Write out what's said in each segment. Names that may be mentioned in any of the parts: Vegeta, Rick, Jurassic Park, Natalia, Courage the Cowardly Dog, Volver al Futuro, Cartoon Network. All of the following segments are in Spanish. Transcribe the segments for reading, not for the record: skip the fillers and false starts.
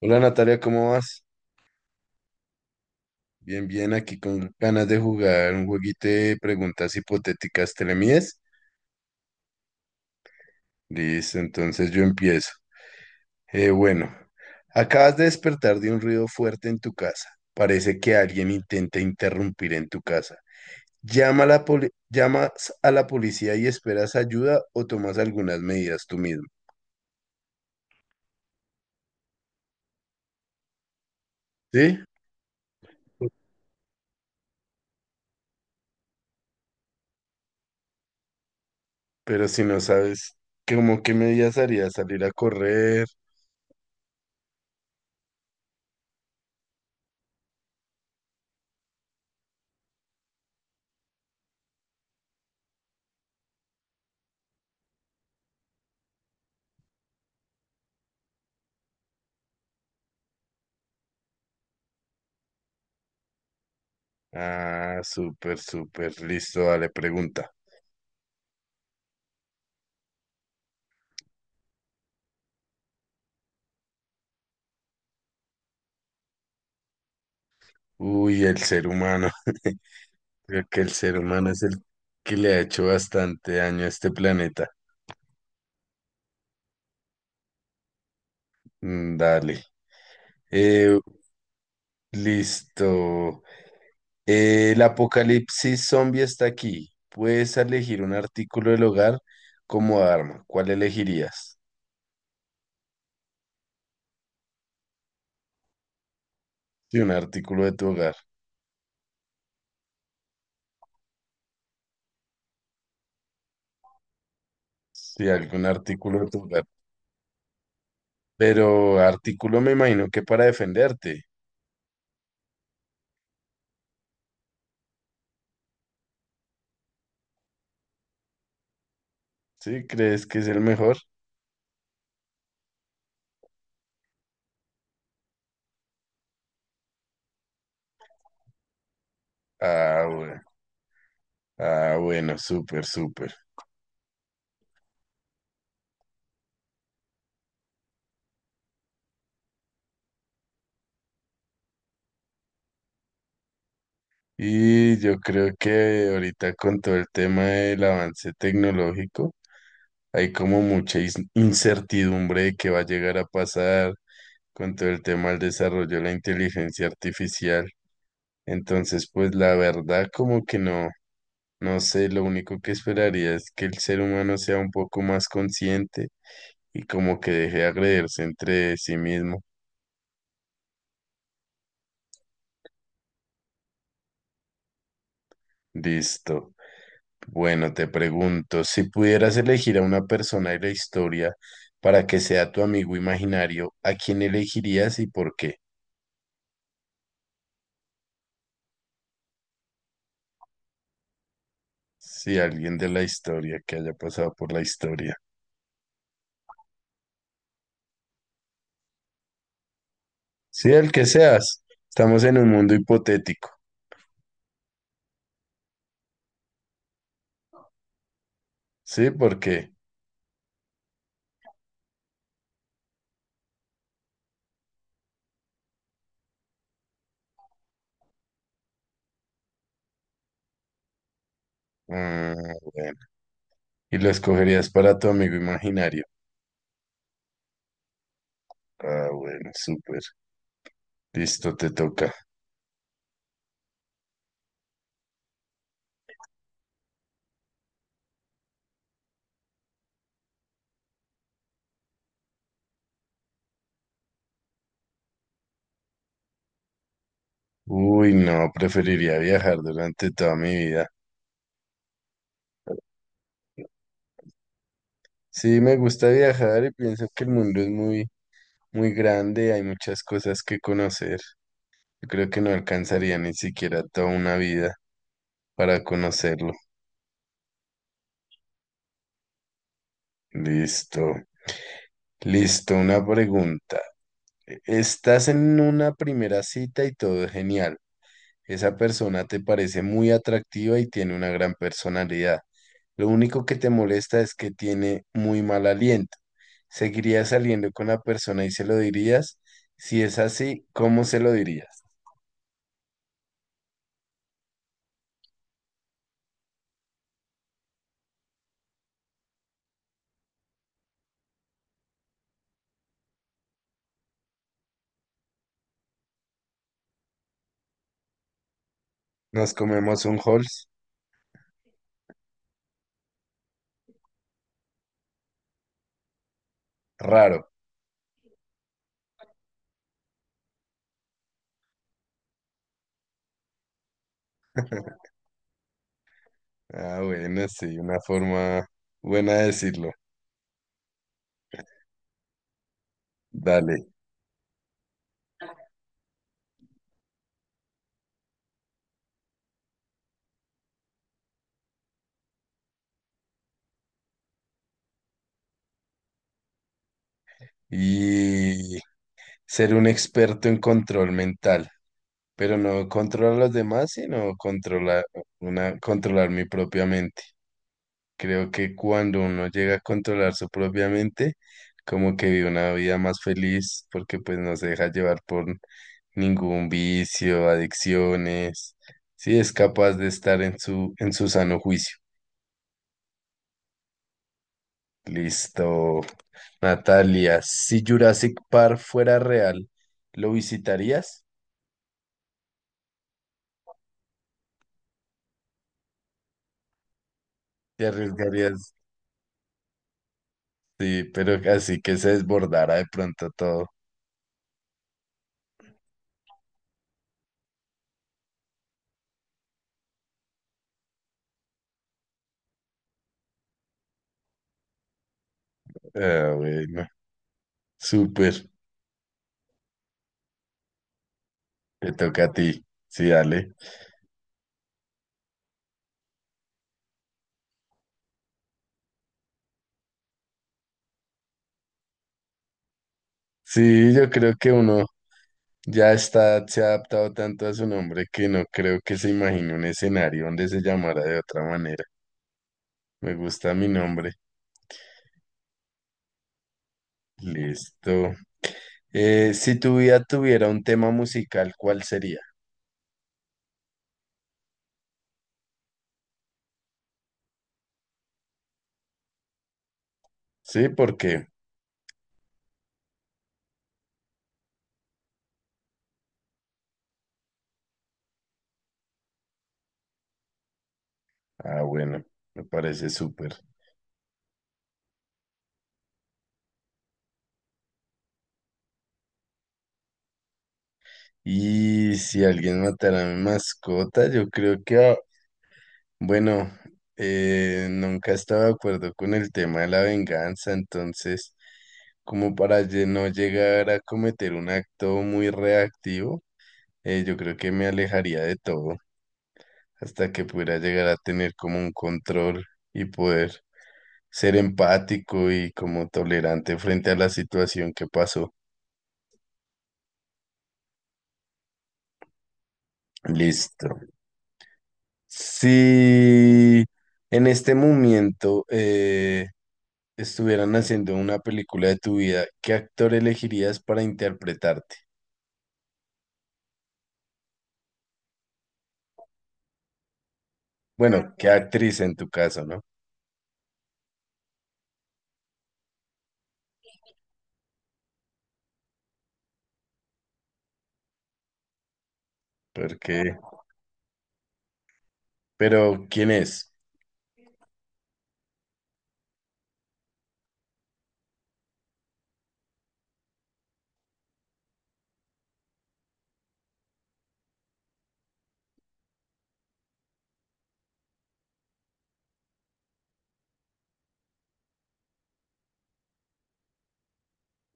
Hola Natalia, ¿cómo vas? Bien, bien, aquí con ganas de jugar un jueguito de preguntas hipotéticas. ¿Te le mides? Listo, entonces yo empiezo. Eh, bueno, Acabas de despertar de un ruido fuerte en tu casa. Parece que alguien intenta interrumpir en tu casa. ¿Llamas a la policía y esperas ayuda o tomas algunas medidas tú mismo? ¿Sí? Pero si no sabes, ¿cómo qué medidas harías? ¿Salir a correr? Ah, súper, súper, listo, dale, pregunta. Uy, el ser humano. Creo que el ser humano es el que le ha hecho bastante daño a este planeta. Mm, dale. Eh, listo. El apocalipsis zombie está aquí. Puedes elegir un artículo del hogar como arma. ¿Cuál elegirías? Sí, un artículo de tu hogar. Sí, algún artículo de tu hogar. Pero artículo me imagino que para defenderte. ¿Sí? ¿Crees que es el mejor? Ah, bueno. Ah, bueno, súper, súper. Y yo creo que ahorita con todo el tema del avance tecnológico, hay como mucha incertidumbre de qué va a llegar a pasar con todo el tema del desarrollo de la inteligencia artificial. Entonces, pues la verdad como que no, no sé, lo único que esperaría es que el ser humano sea un poco más consciente y como que deje de agredirse entre sí mismo. Listo. Bueno, te pregunto, si pudieras elegir a una persona de la historia para que sea tu amigo imaginario, ¿a quién elegirías y por qué? Si alguien de la historia que haya pasado por la historia. Sí, el que seas. Estamos en un mundo hipotético. Sí, porque. Ah, bueno. Y lo escogerías para tu amigo imaginario. Ah, bueno, súper. Listo, te toca. Uy, no, preferiría viajar durante toda mi vida. Sí, me gusta viajar y pienso que el mundo es muy muy grande, hay muchas cosas que conocer. Yo creo que no alcanzaría ni siquiera toda una vida para conocerlo. Listo, listo, una pregunta. Estás en una primera cita y todo es genial. Esa persona te parece muy atractiva y tiene una gran personalidad. Lo único que te molesta es que tiene muy mal aliento. ¿Seguirías saliendo con la persona y se lo dirías? Si es así, ¿cómo se lo dirías? ¿Nos comemos un Halls? Raro. Ah, bueno, sí, una forma buena de decirlo. Dale. Y ser un experto en control mental, pero no controlar a los demás, sino controlar una, controlar mi propia mente. Creo que cuando uno llega a controlar su propia mente, como que vive una vida más feliz, porque pues no se deja llevar por ningún vicio, adicciones. Sí, es capaz de estar en su sano juicio. Listo. Natalia, si Jurassic Park fuera real, ¿lo visitarías? ¿Te arriesgarías? Sí, pero así que se desbordara de pronto todo. Ah, bueno, súper. Te toca a ti. Sí, dale. Sí, yo creo que uno ya está, se ha adaptado tanto a su nombre que no creo que se imagine un escenario donde se llamara de otra manera. Me gusta mi nombre. Listo. Si tu vida tuviera un tema musical, ¿cuál sería? Sí, por qué ah, bueno, me parece súper. Y si alguien matara a mi mascota, yo creo que, ah, bueno, nunca he estado de acuerdo con el tema de la venganza, entonces, no llegar a cometer un acto muy reactivo, yo creo que me alejaría de todo hasta que pudiera llegar a tener como un control y poder. Ser empático y como tolerante frente a la situación que pasó. Listo. Si en este momento estuvieran haciendo una película de tu vida, ¿qué actor elegirías para interpretarte? Bueno, ¿qué actriz en tu caso, no? Porque, pero ¿quién es?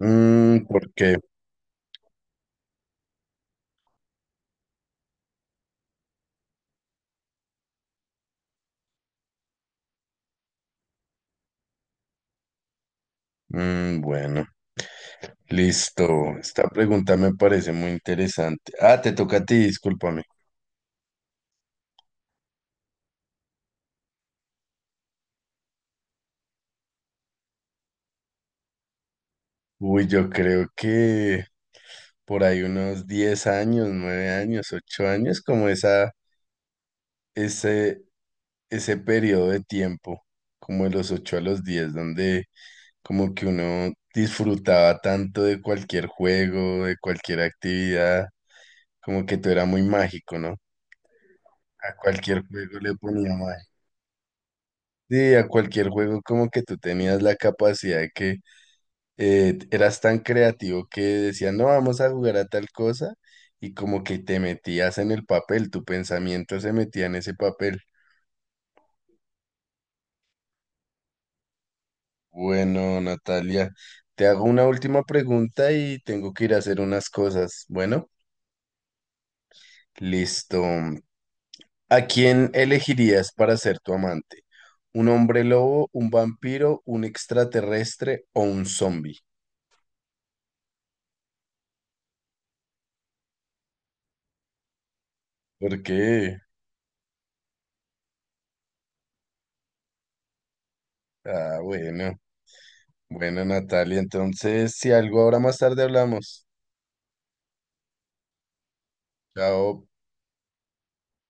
Mm, ¿por qué? Mm, bueno, listo. Esta pregunta me parece muy interesante. Ah, te toca a ti, discúlpame. Uy, yo creo que por ahí unos 10 años, 9 años, 8 años, como esa, ese, ese periodo de tiempo, como de los 8 a los 10 donde como que uno disfrutaba tanto de cualquier juego, de cualquier actividad, como que todo era muy mágico, ¿no? A cualquier juego le ponía magia. Sí, a cualquier juego como que tú tenías la capacidad de que eras tan creativo que decían, no, vamos a jugar a tal cosa, y como que te metías en el papel, tu pensamiento se metía en ese papel. Bueno, Natalia, te hago una última pregunta y tengo que ir a hacer unas cosas. Bueno, listo. ¿A quién elegirías para ser tu amante? ¿Un hombre lobo, un vampiro, un extraterrestre o un zombie? ¿Por qué? Ah, bueno. Bueno, Natalia, entonces, si algo ahora más tarde hablamos. Chao.